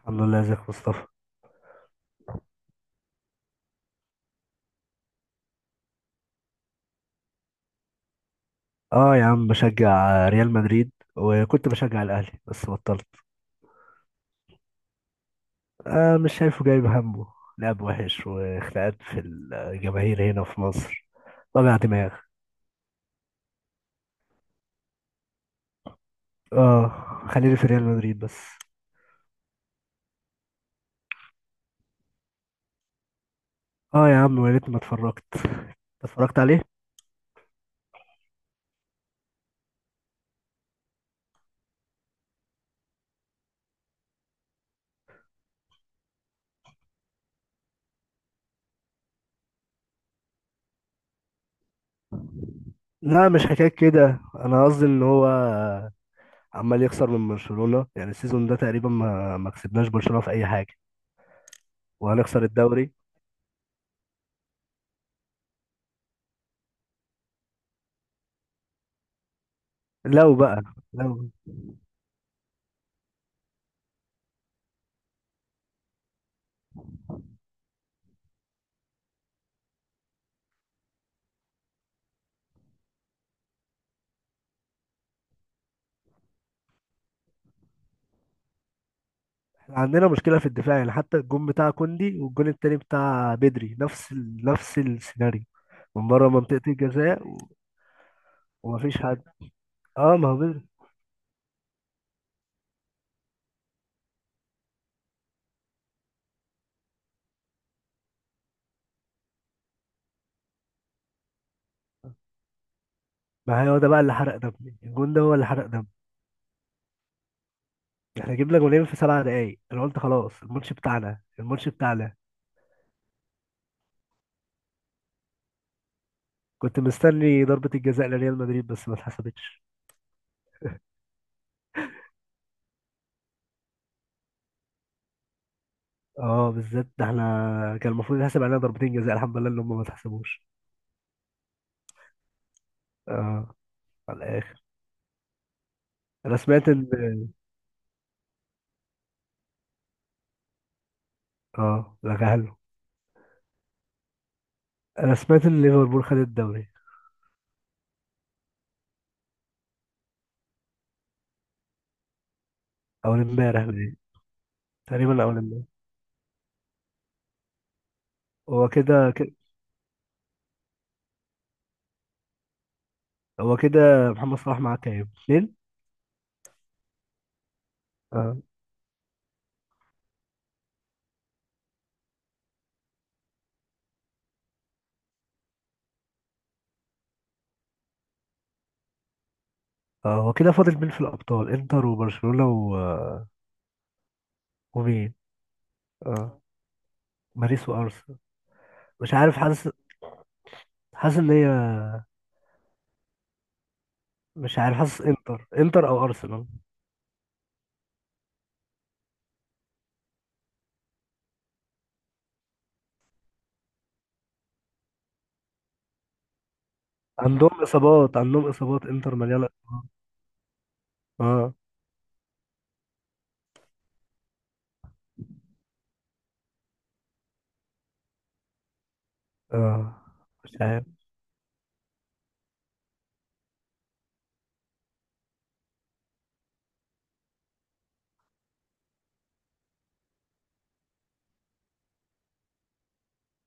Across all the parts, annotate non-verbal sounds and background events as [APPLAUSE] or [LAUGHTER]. الحمد لله، ازيك يا مصطفى؟ اه يا عم، بشجع ريال مدريد وكنت بشجع الاهلي بس بطلت. آه، مش شايفه جايب همه. لعب وحش وخناقات في الجماهير هنا في مصر. وجع دماغ. اه، خليني في ريال مدريد بس. اه يا عم، يا ريتني ما اتفرجت. اتفرجت عليه. لا، مش حكاية كده، انا قصدي ان هو عمال يخسر من برشلونة يعني السيزون ده تقريبا ما كسبناش برشلونة في اي حاجة. وهنخسر الدوري. لو بقى لو عندنا مشكلة في الدفاع، يعني حتى الجون بتاع كوندي والجون التاني بتاع بدري نفس السيناريو من بره منطقة الجزاء ومفيش حد. اه، ما هو بدري. ما هي هو ده بقى اللي حرق دمي، الجون ده هو اللي حرق دمي. احنا جبنا جونين في 7 دقايق، انا قلت خلاص الماتش بتاعنا، الماتش بتاعنا. كنت مستني ضربة الجزاء لريال مدريد بس ما اتحسبتش. اه، بالذات ده احنا كان المفروض يتحسب علينا ضربتين جزاء، الحمد لله ان هم ما اتحسبوش. اه. على الاخر. انا سمعت ان اه، لا، حلو. انا سمعت ان ليفربول خد الدوري. اول امبارح باين. تقريبا اول امبارح. هو كده كده، هو كده. محمد صلاح معاه كام؟ 2؟ اه، اه. هو كده فاضل مين في الابطال؟ انتر وبرشلونة ومين؟ اه، باريس وارسنال. مش عارف، حاسس. حاسس ان هي، مش عارف، حاسس انتر او ارسنال. عندهم اصابات، عندهم اصابات، انتر مليانة إصابات. اه، اه، مش عارف.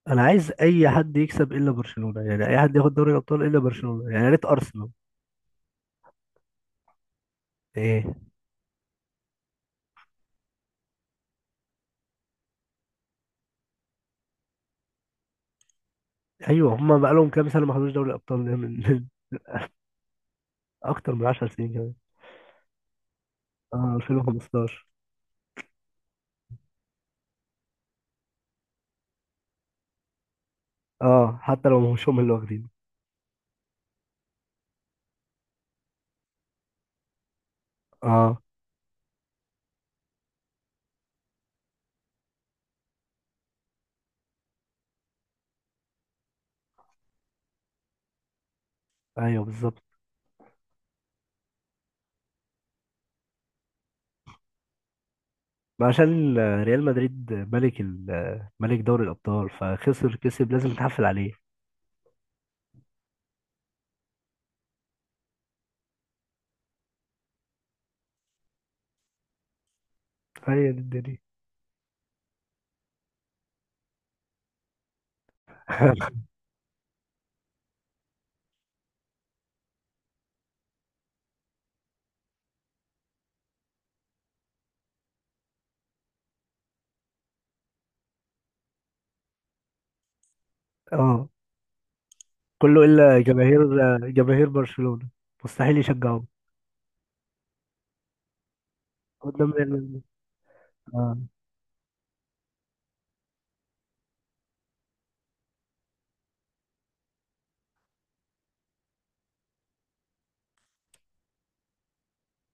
انا عايز اي حد يكسب الا برشلونه، يعني اي حد ياخد دوري الابطال الا برشلونه، يعني يا ريت ارسنال. ايه؟ ايوه، هم بقالهم كام سنه ما خدوش دوري الابطال من [LAUGHS] اكتر من 10 سنين كمان. اه، 2015. اه، حتى لو مش هم اللي واخدين. اه. ايوه، بالظبط. ما عشان ريال مدريد ملك ملك دوري الابطال، فخسر كسب لازم نتحفل عليه. هي دي الدنيا. [LAUGHS] اه، كله الا جماهير جماهير برشلونة. مستحيل يشجعوه. قدام ريال مدريد. اه،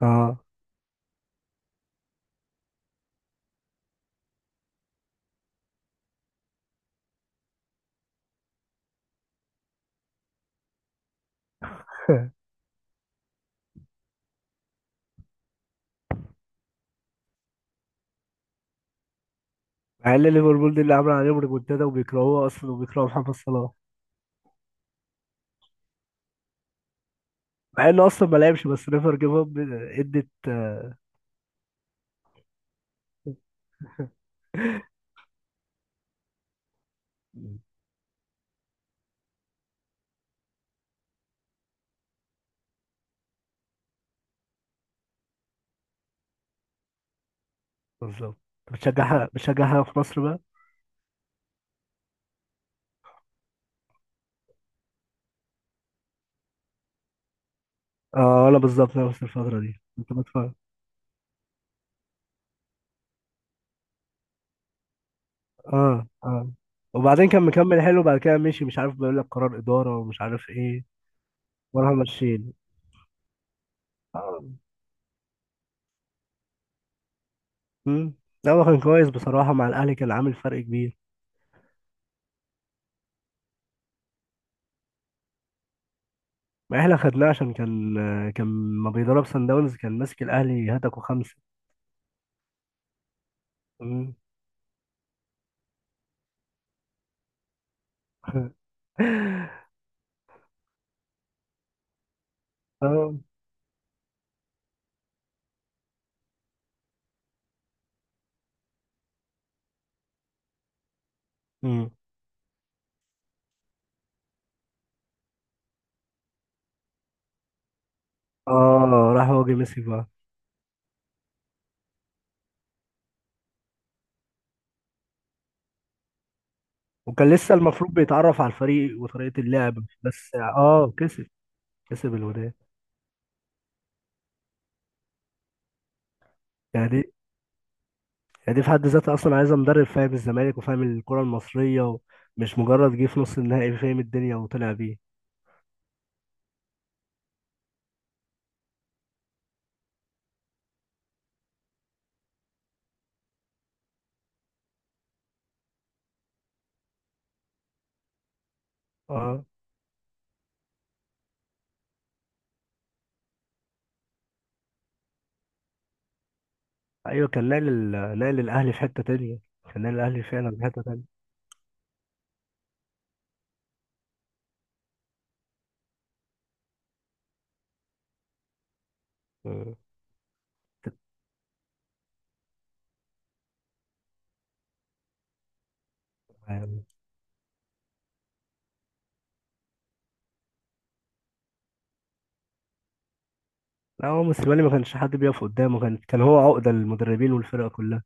اه. [LAUGHS] مع ان ليفربول دي اللي عامله عليهم ريمونتادا وبيكرهوه اصلا وبيكرهوا محمد صلاح. مع انه اصلا ما لعبش، بس نيفر جيف اب ادت. بالظبط. بتشجعها في مصر بقى؟ اه، انا بالظبط، انا نفس الفترة دي كنت بتفرج. اه، اه، وبعدين كان مكمل حلو بعد كده مشي، مش عارف، بيقول لك قرار إدارة ومش عارف ايه. وراح ماشيين. اه. امم. لا، هو كان كويس بصراحة، مع الأهلي كان عامل فرق كبير. ما احنا خدناه عشان كان ما بيدرب سان داونز، كان ماسك الأهلي هتكوا 5. امم. [LAUGHS] اه. امم. اه، راح هو جه ميسي بقى. وكان لسه المفروض بيتعرف على الفريق وطريقة اللعب. بس اه، كسب الوداد. يعني دي يعني دي في حد ذاتها اصلا عايزه مدرب فاهم الزمالك وفاهم الكره المصريه. ومش مجرد جه في نص النهائي فاهم الدنيا وطلع بيه. اه ايوه، كان ناقل الاهلي في حته تانية. كان ناقل الاهلي فعلا في حته تانية. مم. يعني- لا، هو موسيماني ما كانش حد بيقف قدامه، كان هو عقده للمدربين والفرقه كلها.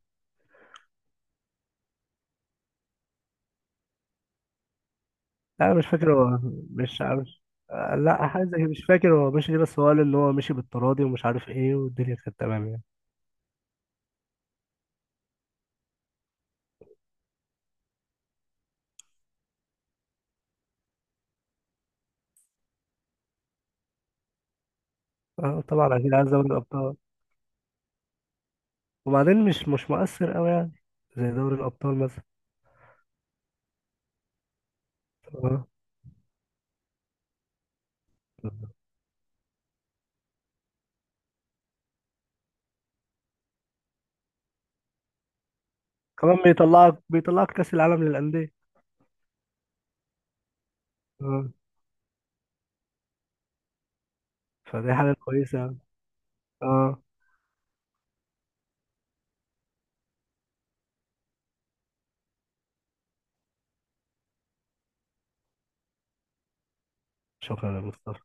لا، أنا مش فاكر هو. مش مش آه، لا، حاجه كده، مش فاكر هو مشي ليه، بس هو قال ان هو مشي بالتراضي ومش عارف ايه والدنيا كانت تمام يعني. اه، طبعا اكيد عايز دوري الابطال. وبعدين مش مؤثر قوي يعني. زي دوري الابطال مثلا. اه، كمان بيطلعك كاس العالم للانديه. اه، فدي حاجه كويسه يعني. اه. شكرا يا مصطفى.